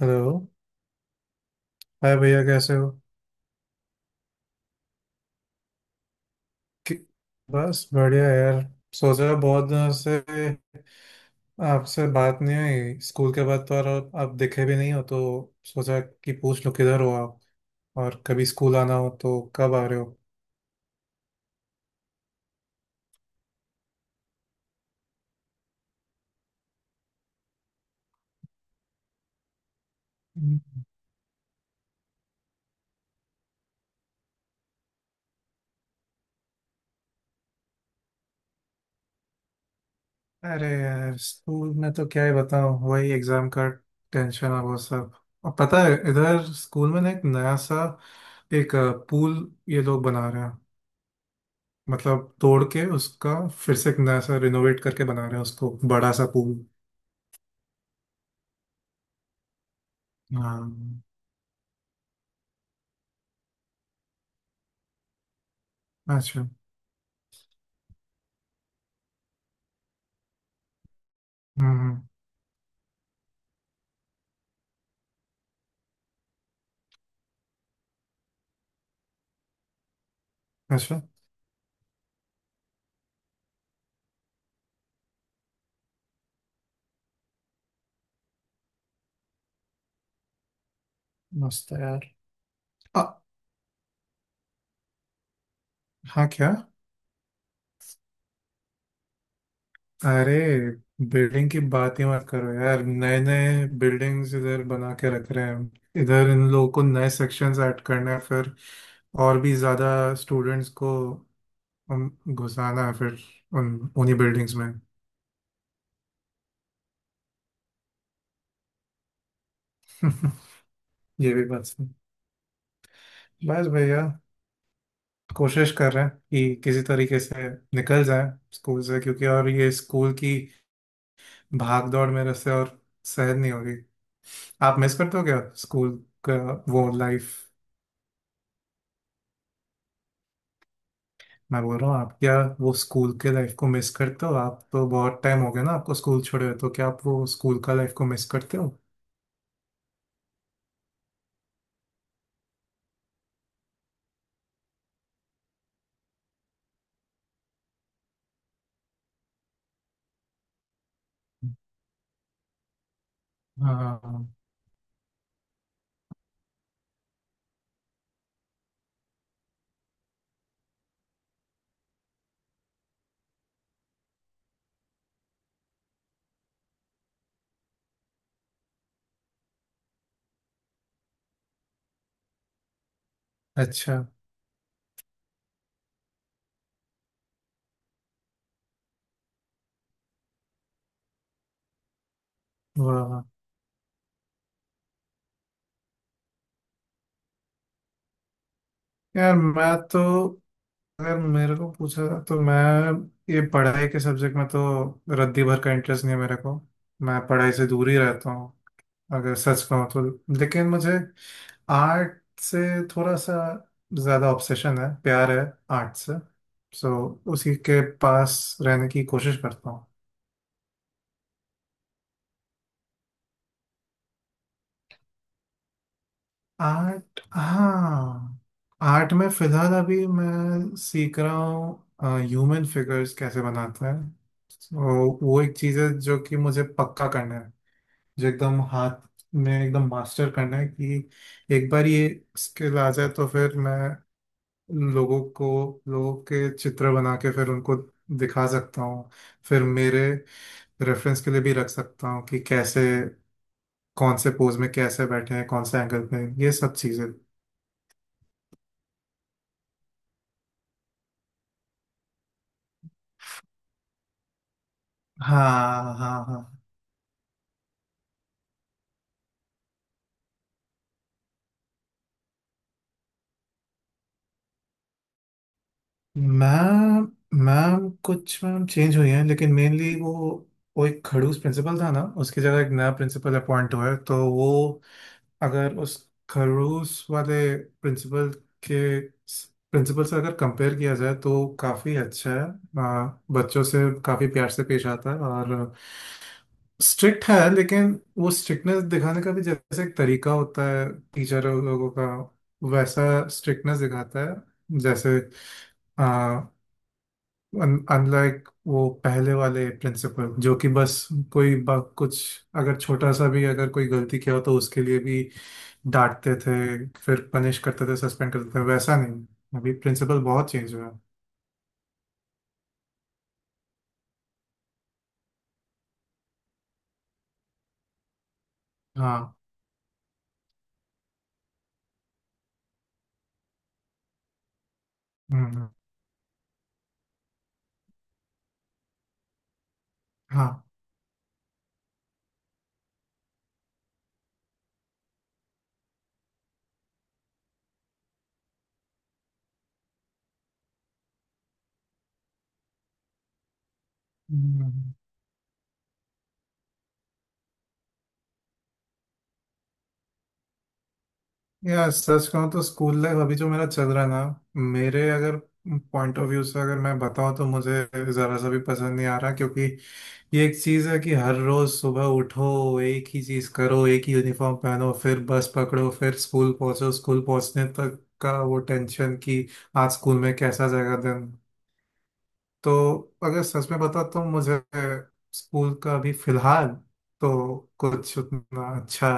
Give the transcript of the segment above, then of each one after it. Hello. Hi भैया, कैसे हो? कि- बस बढ़िया यार। सोच रहा बहुत दिनों से आपसे बात नहीं हुई स्कूल के बाद, तो और आप दिखे भी नहीं हो, तो सोचा कि पूछ लो किधर हो आप, और कभी स्कूल आना हो तो कब आ रहे हो। हम्म। अरे यार, स्कूल में तो क्या ही बताऊं, वही एग्जाम का टेंशन है वो सब। और पता है इधर स्कूल में ना, एक नया सा, एक पूल ये लोग बना रहे हैं। मतलब तोड़ के उसका फिर से एक नया सा रिनोवेट करके बना रहे हैं उसको, बड़ा सा पूल। हाँ। अच्छा। हम्म हम्म। अच्छा, मस्त है यार। आ, हाँ क्या? अरे, बिल्डिंग की बात ही मत करो यार। नए नए बिल्डिंग्स इधर बना के रख रहे हैं इधर। इन लोगों को नए सेक्शंस ऐड करना है फिर, और भी ज़्यादा स्टूडेंट्स को उम, घुसाना है फिर उन उन्हीं बिल्डिंग्स में। ये भी बात सही। बस भैया, कोशिश कर रहे हैं कि किसी तरीके से निकल जाए स्कूल से, क्योंकि और ये स्कूल की भाग दौड़ मेरे से और सहन नहीं होगी। आप मिस करते हो क्या स्कूल का वो लाइफ? मैं बोल रहा हूँ आप क्या वो स्कूल के लाइफ को मिस करते हो? आप तो बहुत टाइम हो गया ना आपको स्कूल छोड़े हुए, तो क्या आप वो स्कूल का लाइफ को मिस करते हो? हाँ। अच्छा। वाह। यार मैं तो, अगर मेरे को पूछा जाए, तो मैं ये पढ़ाई के सब्जेक्ट में तो रद्दी भर का इंटरेस्ट नहीं है मेरे को। मैं पढ़ाई से दूर ही रहता हूँ, अगर सच कहूँ तो। लेकिन मुझे आर्ट से थोड़ा सा ज़्यादा ऑब्सेशन है, प्यार है आर्ट से। सो उसी के पास रहने की कोशिश करता हूँ। आर्ट, हाँ। आर्ट में फिलहाल अभी मैं सीख रहा हूँ ह्यूमन फिगर्स कैसे बनाते हैं। तो वो एक चीज़ है जो कि मुझे पक्का करना है, जो एकदम हाथ में एकदम मास्टर करना है कि एक बार ये स्किल आ जाए तो फिर मैं लोगों को, लोगों के चित्र बना के फिर उनको दिखा सकता हूँ, फिर मेरे रेफरेंस के लिए भी रख सकता हूँ कि कैसे कौन से पोज में कैसे बैठे हैं, कौन से एंगल पे, ये सब चीजें। हाँ हाँ हाँ। मैम, कुछ मैम चेंज हुई हैं, लेकिन मेनली वो एक खड़ूस प्रिंसिपल था ना, उसकी जगह एक नया प्रिंसिपल अपॉइंट हुआ है। तो वो अगर उस खरूस वाले प्रिंसिपल के प्रिंसिपल से अगर कंपेयर किया जाए तो काफ़ी अच्छा है। बच्चों से काफ़ी प्यार से पेश आता है, और स्ट्रिक्ट है, लेकिन वो स्ट्रिक्टनेस दिखाने का भी जैसे एक तरीका होता है टीचर लोगों का, वैसा स्ट्रिक्टनेस दिखाता है जैसे। अनलाइक वो पहले वाले प्रिंसिपल जो कि बस, कुछ अगर छोटा सा भी अगर कोई गलती किया हो तो उसके लिए भी डांटते थे, फिर पनिश करते थे, सस्पेंड करते थे, वैसा नहीं। अभी प्रिंसिपल बहुत चेंज हुआ है। हाँ। हम्म। हाँ। हम्म। यार सच कहूँ तो स्कूल लाइफ अभी जो मेरा चल रहा है ना, मेरे अगर पॉइंट ऑफ व्यू से अगर मैं बताऊँ तो मुझे ज़रा सा भी पसंद नहीं आ रहा, क्योंकि ये एक चीज़ है कि हर रोज़ सुबह उठो, एक ही चीज़ करो, एक ही यूनिफॉर्म पहनो, फिर बस पकड़ो, फिर स्कूल पहुँचो, स्कूल पहुँचने तक का वो टेंशन कि आज स्कूल में कैसा जाएगा दिन। तो अगर सच में बताओ तो मुझे स्कूल का अभी फिलहाल तो कुछ उतना अच्छा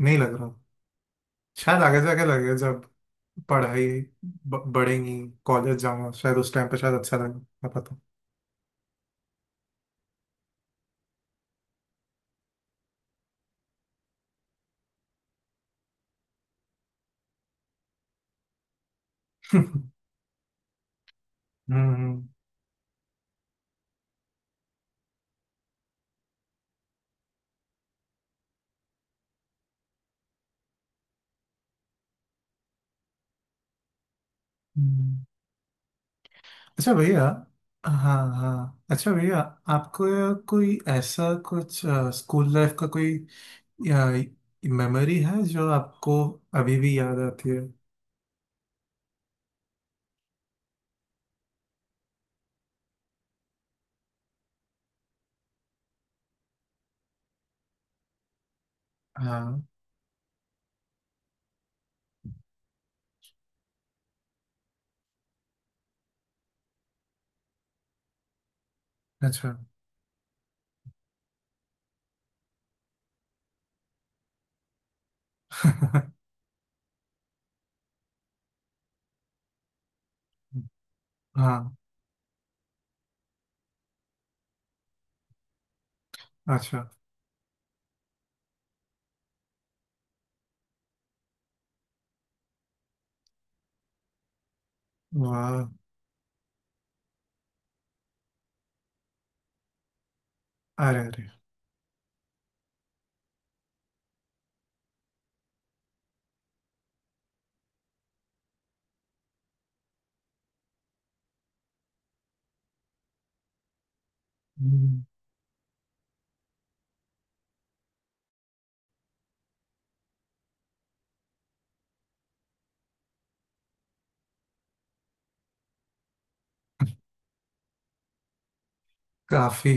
नहीं लग रहा। शायद आगे जाके लगे, जब पढ़ाई बढ़ेंगी, कॉलेज जाना, शायद उस टाइम पे शायद अच्छा लगे, क्या पता। हम्म हम्म। अच्छा भैया। हाँ हाँ, अच्छा भैया, आपको कोई ऐसा कुछ स्कूल लाइफ का कोई या, मेमोरी है जो आपको अभी भी याद आती है? हाँ। अच्छा। हाँ। अच्छा। वाह। अरे अरे। हम्म। काफी।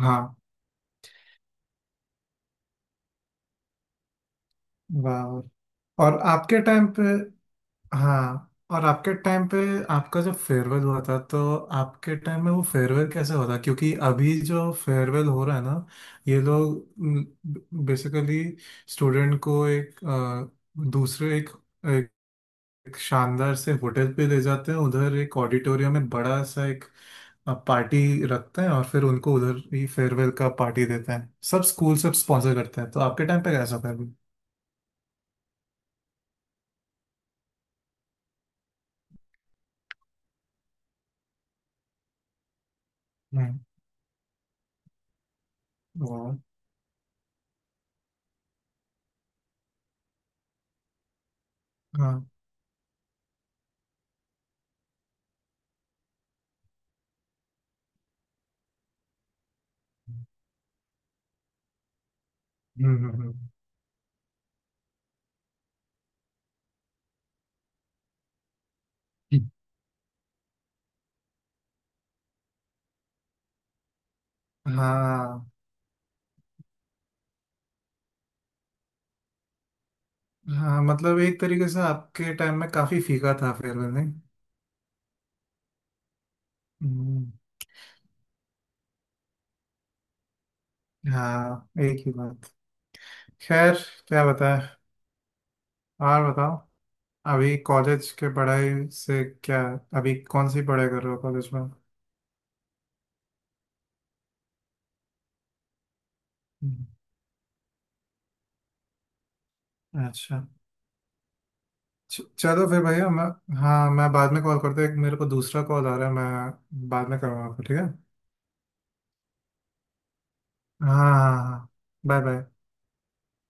हाँ। वाह। और आपके टाइम पे, हाँ, और आपके टाइम पे आपका जो फेयरवेल हुआ था, तो आपके टाइम में वो फेयरवेल कैसे हुआ था? क्योंकि अभी जो फेयरवेल हो रहा है ना, ये लोग बेसिकली स्टूडेंट को एक, दूसरे एक शानदार से होटल पे ले जाते हैं, उधर एक ऑडिटोरियम में बड़ा सा एक पार्टी रखते हैं, और फिर उनको उधर ही फेयरवेल का पार्टी देते हैं, सब स्कूल सब स्पॉन्सर करते हैं। तो आपके टाइम पे कैसा था अभी? हम्म। वाह। हाँ। हम्म। हम्म। हाँ हाँ, मतलब एक तरीके से आपके टाइम में काफी फीका था फेयरवेल, नहीं? हम्म, हाँ, एक ही बात। खैर, क्या बताएं। और बताओ, अभी कॉलेज के पढ़ाई से क्या, अभी कौन सी पढ़ाई कर रहे हो कॉलेज में? हम्म। अच्छा। चलो फिर भैया, मैं, हाँ, मैं बाद में कॉल करता हूँ। एक मेरे को दूसरा कॉल आ रहा है, मैं बाद में करूँगा आपको, ठीक है? हाँ हाँ हाँ। Bye bye.